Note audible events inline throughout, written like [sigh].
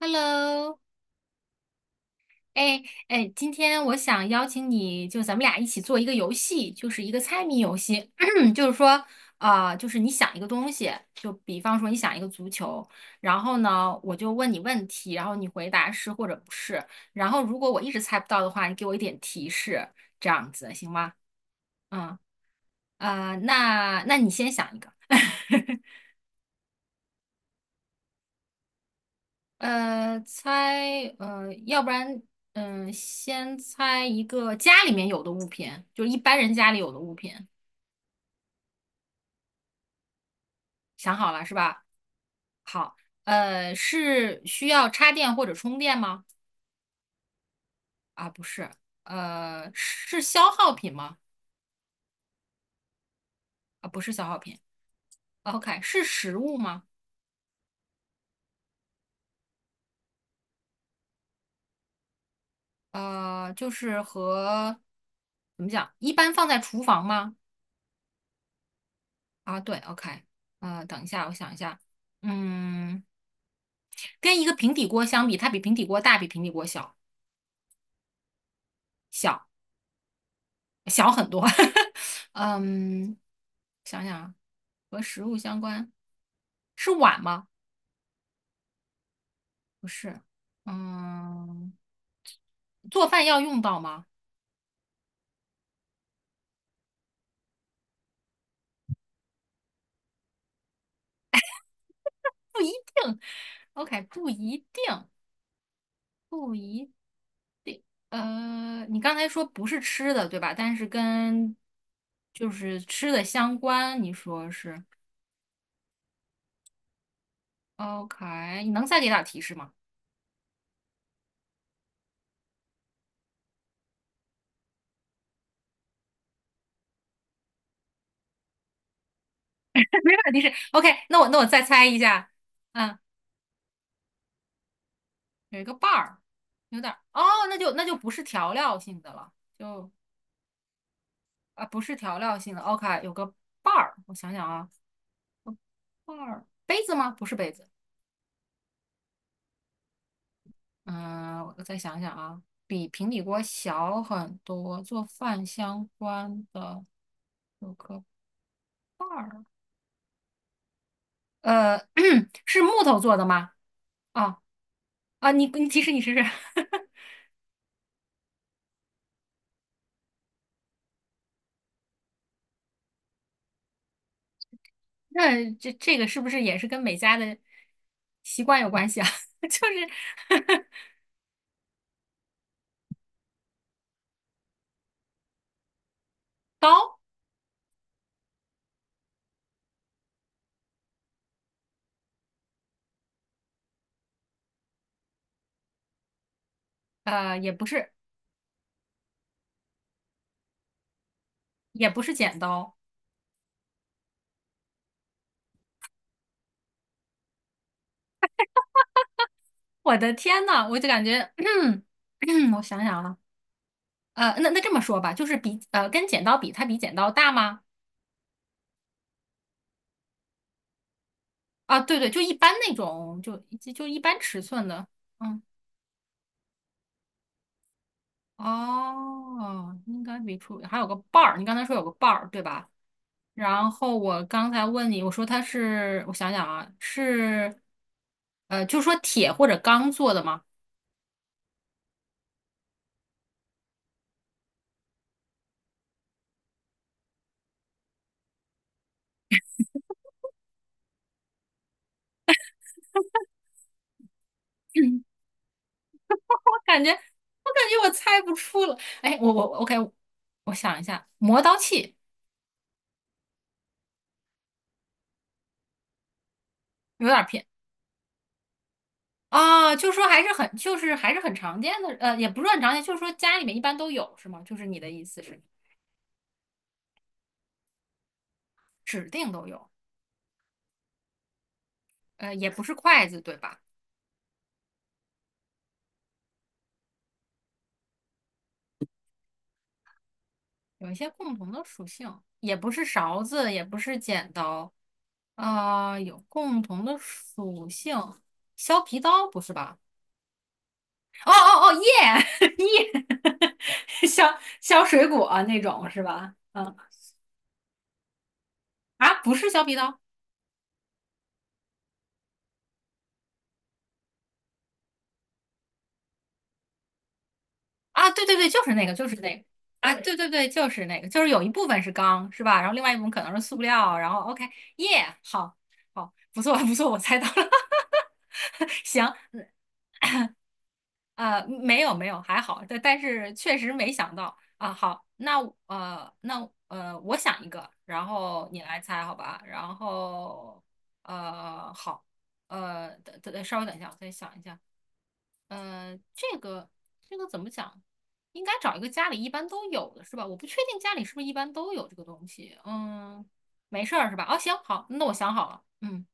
Hello，哎哎，今天我想邀请你，就咱们俩一起做一个游戏，就是一个猜谜游戏。[clears throat] 就是说，啊、就是你想一个东西，就比方说你想一个足球，然后呢，我就问你问题，然后你回答是或者不是。然后如果我一直猜不到的话，你给我一点提示，这样子行吗？嗯，啊、那你先想一个。[laughs] 要不然，嗯、先猜一个家里面有的物品，就是一般人家里有的物品，想好了是吧？好，是需要插电或者充电吗？啊，不是，是消耗品吗？啊，不是消耗品。OK，是食物吗？就是和怎么讲，一般放在厨房吗？啊，对，OK，等一下，我想一下，嗯，跟一个平底锅相比，它比平底锅大，比平底锅小。小很多。[laughs] 嗯，想想啊，和食物相关，是碗吗？不是。嗯，做饭要用到吗？定，OK，不一定，不一。你刚才说不是吃的，对吧？但是跟就是吃的相关，你说是 OK？你能再给点提示吗？[laughs] 没点提示。OK，那我再猜一下。嗯。有一个瓣儿，有点儿哦，那就不是调料性的了，就啊不是调料性的，OK，有个瓣儿，我想想啊，瓣儿杯子吗？不是杯子，嗯、我再想想啊，比平底锅小很多，做饭相关的有个瓣儿，呃，[clears throat] 是木头做的吗？啊啊，你提示你试试，[laughs] 那这个是不是也是跟每家的习惯有关系啊？[laughs] 就是 [laughs] 刀，也不是。也不是剪刀。我的天呐，我就感觉，[clears throat] 我想想啊，那这么说吧，就是跟剪刀比，它比剪刀大吗？啊，对对，就一般那种，就一般尺寸的，嗯，哦，应该比出还有个把儿，你刚才说有个把儿，对吧？然后我刚才问你，我说它是，我想想啊，是，就说铁或者钢做的吗？[clears throat] 感觉我猜不出了。哎，我 OK，我想一下，磨刀器有点偏啊，就是还是很常见的，也不是很常见，就是说家里面一般都有是吗？就是你的意思是指定都有，也不是筷子对吧？有一些共同的属性，也不是勺子，也不是剪刀，啊、有共同的属性，削皮刀不是吧？哦哦哦，耶 [laughs] 耶，削水果啊那种是吧？嗯。啊，不是削皮刀啊，对对对，就是那个，就是那个啊，对对对，就是那个，就是有一部分是钢，是吧？然后另外一部分可能是塑料，然后 OK，耶、好，好，不错不错，我猜到了，[laughs] 行，没有没有，还好，但是确实没想到啊。好，那我想一个，然后你来猜，好吧？然后好，等等，稍微等一下，我再想一下。呃，这个这个怎么讲？应该找一个家里一般都有的是吧？我不确定家里是不是一般都有这个东西。嗯，没事儿是吧？哦，行，好，那我想好了。嗯，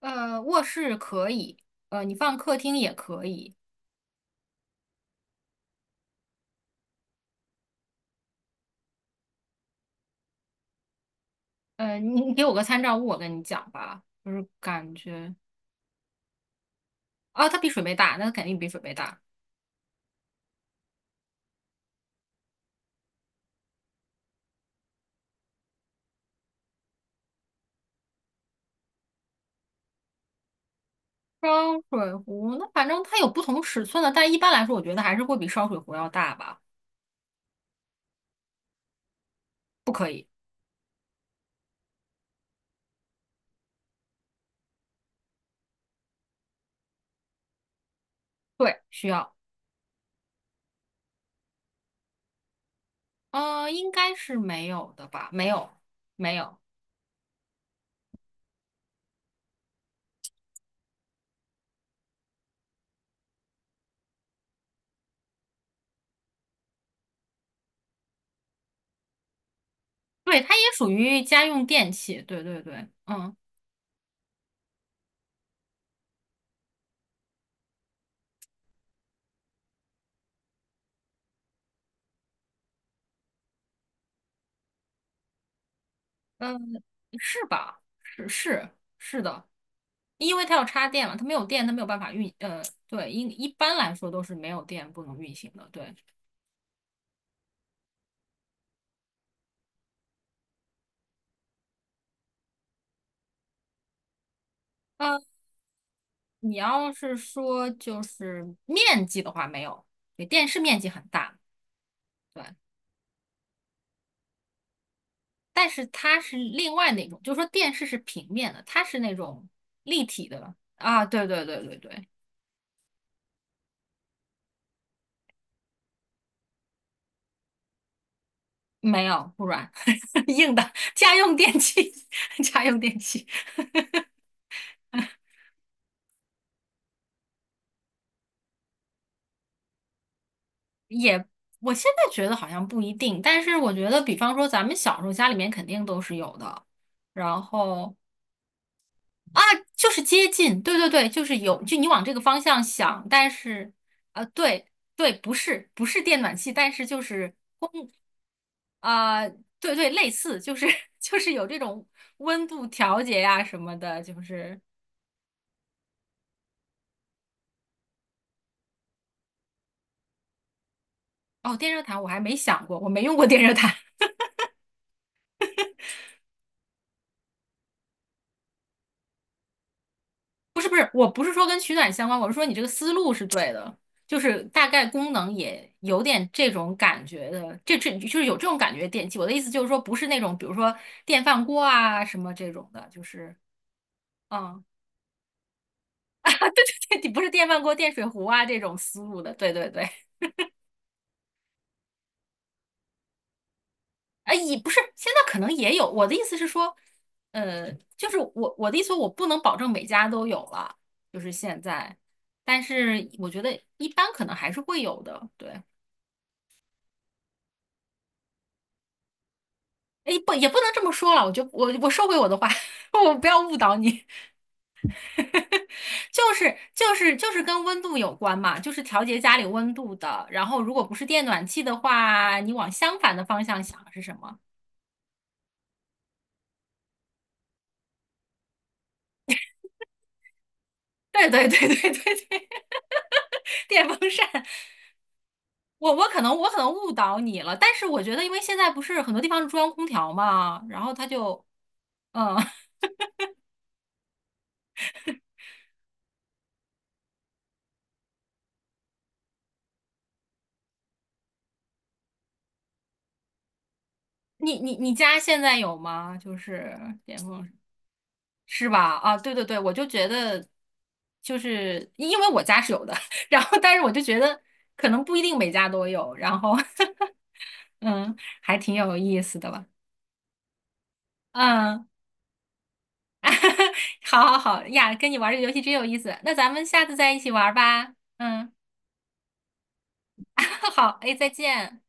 卧室可以，你放客厅也可以。你给我个参照物，我跟你讲吧，就是感觉啊，它比水杯大，那肯定比水杯大。烧水壶，那反正它有不同尺寸的，但一般来说，我觉得还是会比烧水壶要大吧。对，需要，应该是没有的吧？没有，没有。对，它也属于家用电器。对对对，嗯嗯，是吧？是是的，因为它要插电嘛，它没有电，它没有办法运。对，一般来说都是没有电不能运行的。对。嗯。你要是说就是面积的话，没有，对，电视面积很大，对，但是它是另外那种，就是说电视是平面的，它是那种立体的啊，对对对对对，没有，不软，[laughs] 硬的，家用电器，[laughs] 家用电器也，我现在觉得好像不一定，但是我觉得，比方说咱们小时候家里面肯定都是有的，然后。就是接近，对对对，就是有，就你往这个方向想，但是，对对，不是不是电暖气，但是就是啊对对，类似，就是 [laughs] 就是有这种温度调节呀、什么的，就是哦，电热毯我还没想过，我没用过电热毯，[laughs] 不是不是，我不是说跟取暖相关，我是说你这个思路是对的，就是大概功能也有点这种感觉的，这就是有这种感觉的电器，我的意思就是说不是那种比如说电饭锅啊什么这种的，就是。嗯，[laughs] 你不是电饭锅、电水壶啊这种思路的，对对对，哎，也不是，现在可能也有。我的意思是说，就是我的意思，我不能保证每家都有了，就是现在，但是我觉得一般可能还是会有的。对，哎，不也不能这么说了，我收回我的话，[laughs] 我不要误导你，[laughs] 就是跟温度有关嘛，就是调节家里温度的。然后如果不是电暖气的话，你往相反的方向想是什么？对对对对对对，电风扇，我可能误导你了，但是我觉得，因为现在不是很多地方是中央空调嘛，然后它就，嗯，[laughs] 你家现在有吗？就是电风扇是吧？啊，对对对，我就觉得，就是因为我家是有的，[laughs] 然后但是我就觉得可能不一定每家都有，然后 [laughs] 嗯，还挺有意思的吧，嗯，[laughs] 好好好呀，跟你玩这个游戏真有意思，那咱们下次再一起玩吧，嗯。好，哎，再见。